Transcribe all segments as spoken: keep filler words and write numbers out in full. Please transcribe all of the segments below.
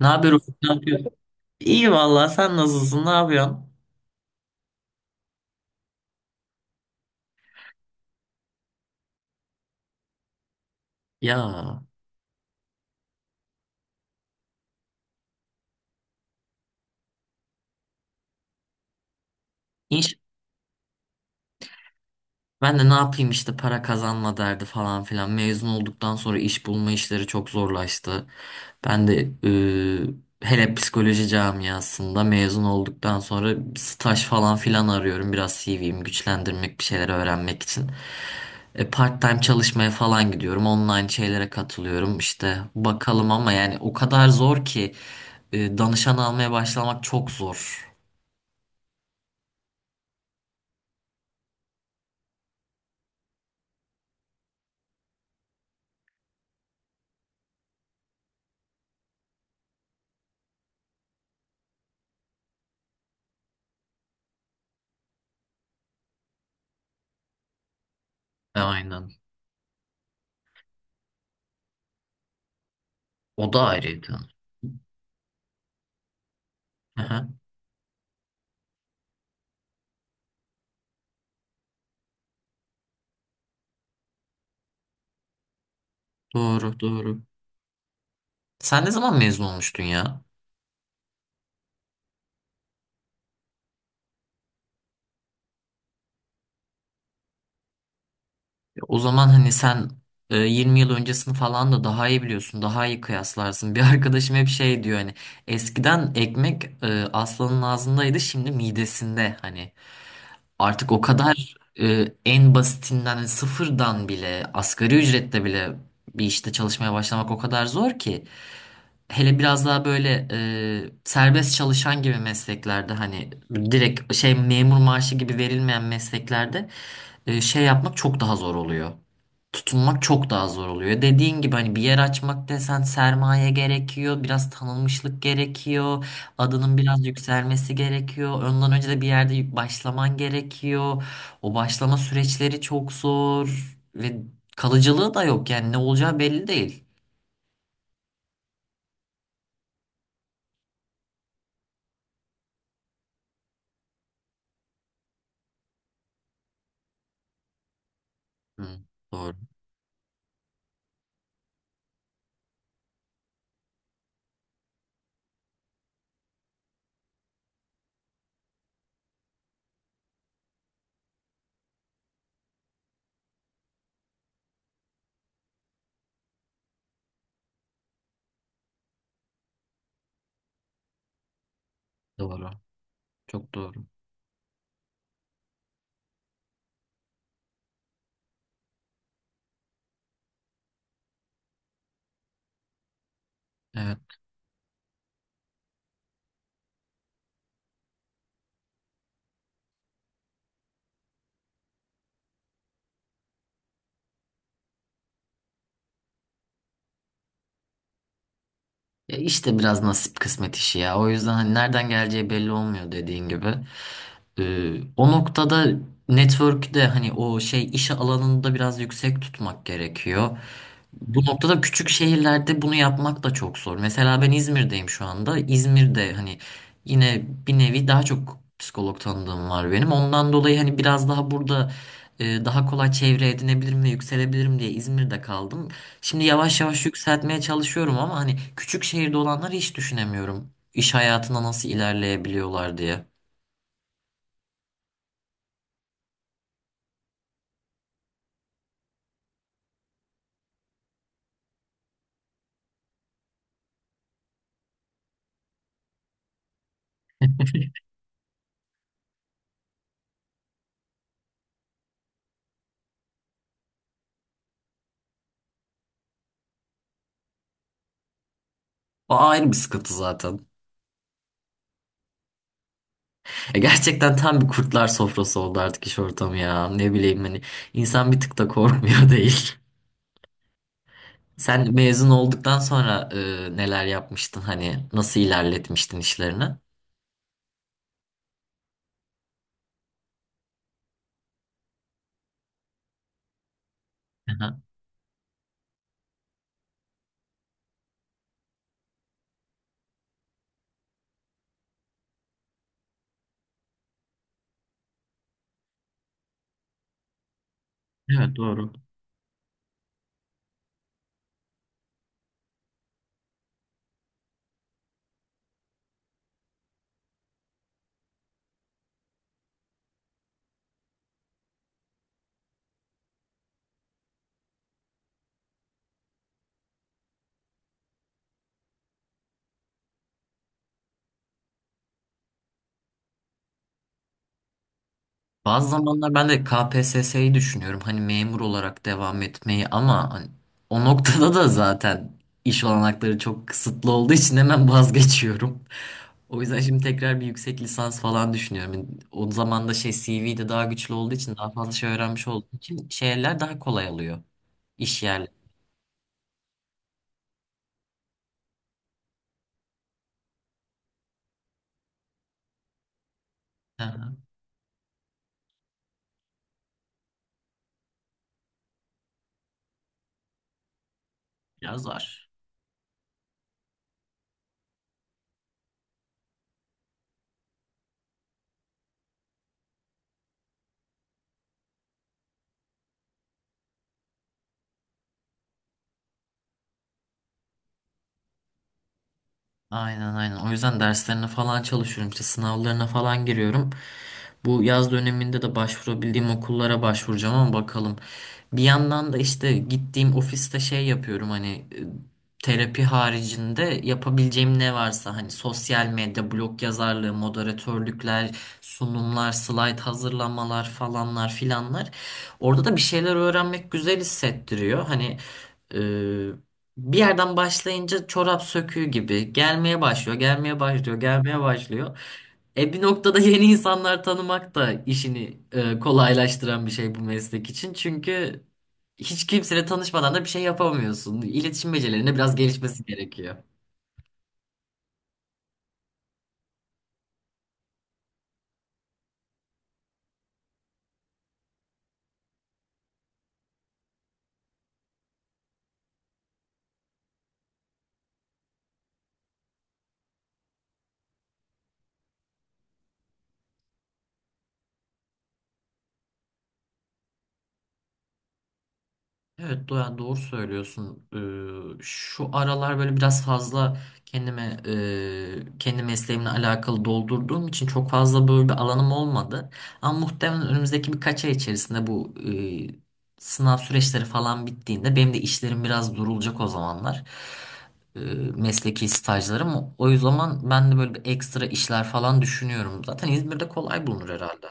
Ne haber Ufuk? Ne yapıyorsun? İyi vallahi sen nasılsın? Ne yapıyorsun? Ya inş. Ben de ne yapayım işte para kazanma derdi falan filan. Mezun olduktan sonra iş bulma işleri çok zorlaştı. Ben de e, hele psikoloji camiasında mezun olduktan sonra staj falan filan arıyorum. Biraz C V'mi güçlendirmek, bir şeyler öğrenmek için. E, part-time çalışmaya falan gidiyorum. Online şeylere katılıyorum. İşte bakalım ama yani o kadar zor ki e, danışan almaya başlamak çok zor. E, Aynen. O da ayrıydı. Aha, doğru, doğru. Sen ne zaman mezun olmuştun ya? E, O zaman hani sen e, yirmi yıl öncesini falan da daha iyi biliyorsun, daha iyi kıyaslarsın. Bir arkadaşım hep şey diyor hani eskiden ekmek e, aslanın ağzındaydı, şimdi midesinde hani. Artık o kadar e, en basitinden hani sıfırdan bile asgari ücretle bile bir işte çalışmaya başlamak o kadar zor ki. Hele biraz daha böyle e, serbest çalışan gibi mesleklerde hani direkt şey memur maaşı gibi verilmeyen mesleklerde e, şey yapmak çok daha zor oluyor. Tutunmak çok daha zor oluyor. Dediğin gibi hani bir yer açmak desen sermaye gerekiyor, biraz tanınmışlık gerekiyor. Adının biraz yükselmesi gerekiyor. Ondan önce de bir yerde başlaman gerekiyor. O başlama süreçleri çok zor ve kalıcılığı da yok yani ne olacağı belli değil. Hı, doğru, doğru. Çok doğru. Evet. Ya işte biraz nasip kısmet işi ya. O yüzden hani nereden geleceği belli olmuyor dediğin gibi. Ee, o noktada network'ü de hani o şey iş alanında biraz yüksek tutmak gerekiyor. Bu noktada küçük şehirlerde bunu yapmak da çok zor. Mesela ben İzmir'deyim şu anda. İzmir'de hani yine bir nevi daha çok psikolog tanıdığım var benim. Ondan dolayı hani biraz daha burada e, daha kolay çevre edinebilirim ve yükselebilirim diye İzmir'de kaldım. Şimdi yavaş yavaş yükseltmeye çalışıyorum ama hani küçük şehirde olanları hiç düşünemiyorum. İş hayatına nasıl ilerleyebiliyorlar diye. O ayrı bir sıkıntı zaten. Ya gerçekten tam bir kurtlar sofrası oldu artık iş ortamı ya. Ne bileyim hani insan bir tık da korkmuyor değil. Sen mezun olduktan sonra e, neler yapmıştın hani nasıl ilerletmiştin işlerini? Aha, evet doğru. Bazı zamanlar ben de K P S S'yi düşünüyorum hani memur olarak devam etmeyi ama hani o noktada da zaten iş olanakları çok kısıtlı olduğu için hemen vazgeçiyorum. O yüzden şimdi tekrar bir yüksek lisans falan düşünüyorum. Yani o zaman da şey C V de daha güçlü olduğu için daha fazla şey öğrenmiş olduğu için şeyler daha kolay alıyor. İş yerleri. Hı hı. Biraz zor. Aynen aynen. O yüzden derslerine falan çalışıyorum. İşte sınavlarına falan giriyorum. Bu yaz döneminde de başvurabildiğim okullara başvuracağım ama bakalım. Bir yandan da işte gittiğim ofiste şey yapıyorum hani e, terapi haricinde yapabileceğim ne varsa hani sosyal medya, blog yazarlığı, moderatörlükler, sunumlar, slayt hazırlamalar falanlar filanlar. Orada da bir şeyler öğrenmek güzel hissettiriyor. Hani bir yerden başlayınca çorap söküğü gibi gelmeye başlıyor, gelmeye başlıyor, gelmeye başlıyor. E bir noktada yeni insanlar tanımak da işini e, kolaylaştıran bir şey bu meslek için. Çünkü hiç kimseyle tanışmadan da bir şey yapamıyorsun. İletişim becerilerine biraz gelişmesi gerekiyor. Evet Doğan doğru söylüyorsun. Ee, şu aralar böyle biraz fazla kendime e, kendi mesleğimle alakalı doldurduğum için çok fazla böyle bir alanım olmadı. Ama muhtemelen önümüzdeki birkaç ay içerisinde bu e, sınav süreçleri falan bittiğinde benim de işlerim biraz durulacak o zamanlar. E, Mesleki stajlarım. O zaman ben de böyle bir ekstra işler falan düşünüyorum. Zaten İzmir'de kolay bulunur herhalde.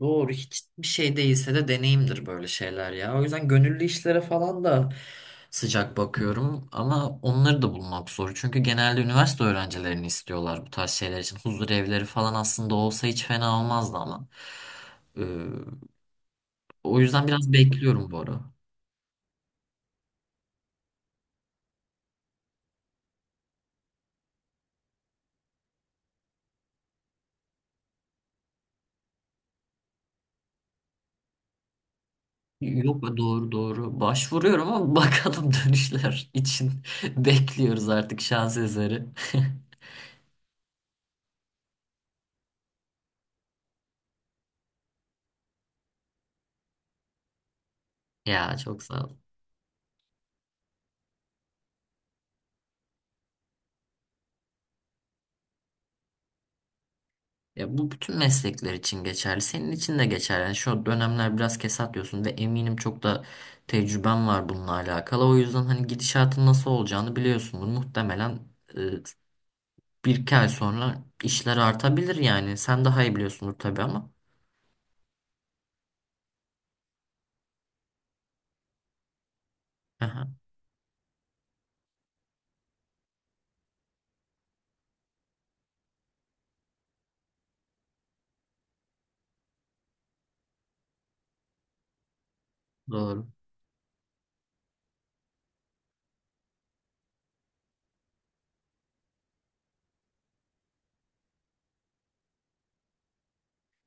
Doğru hiçbir şey değilse de deneyimdir böyle şeyler ya. O yüzden gönüllü işlere falan da sıcak bakıyorum ama onları da bulmak zor. Çünkü genelde üniversite öğrencilerini istiyorlar bu tarz şeyler için. Huzur evleri falan aslında olsa hiç fena olmazdı ama. Ee, O yüzden biraz bekliyorum bu ara. Yok be, doğru doğru başvuruyorum ama bakalım dönüşler için bekliyoruz artık şans eseri. Ya çok sağ ol. Ya bu bütün meslekler için geçerli. Senin için de geçerli. Yani şu dönemler biraz kesat diyorsun ve eminim çok da tecrüben var bununla alakalı. O yüzden hani gidişatın nasıl olacağını biliyorsundur. Muhtemelen e, bir iki ay sonra işler artabilir yani. Sen daha iyi biliyorsundur tabii ama. Aha, doğru.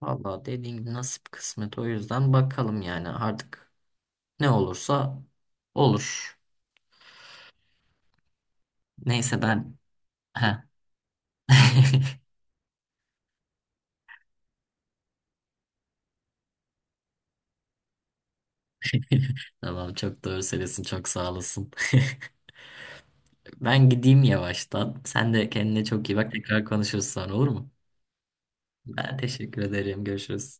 Vallahi dediğin gibi nasip kısmet. O yüzden bakalım yani artık ne olursa olur. Neyse ben... Heh. Tamam çok doğru söylüyorsun. Çok sağ olasın. Ben gideyim yavaştan. Sen de kendine çok iyi bak. Tekrar konuşuruz sonra olur mu? Ben teşekkür ederim. Görüşürüz.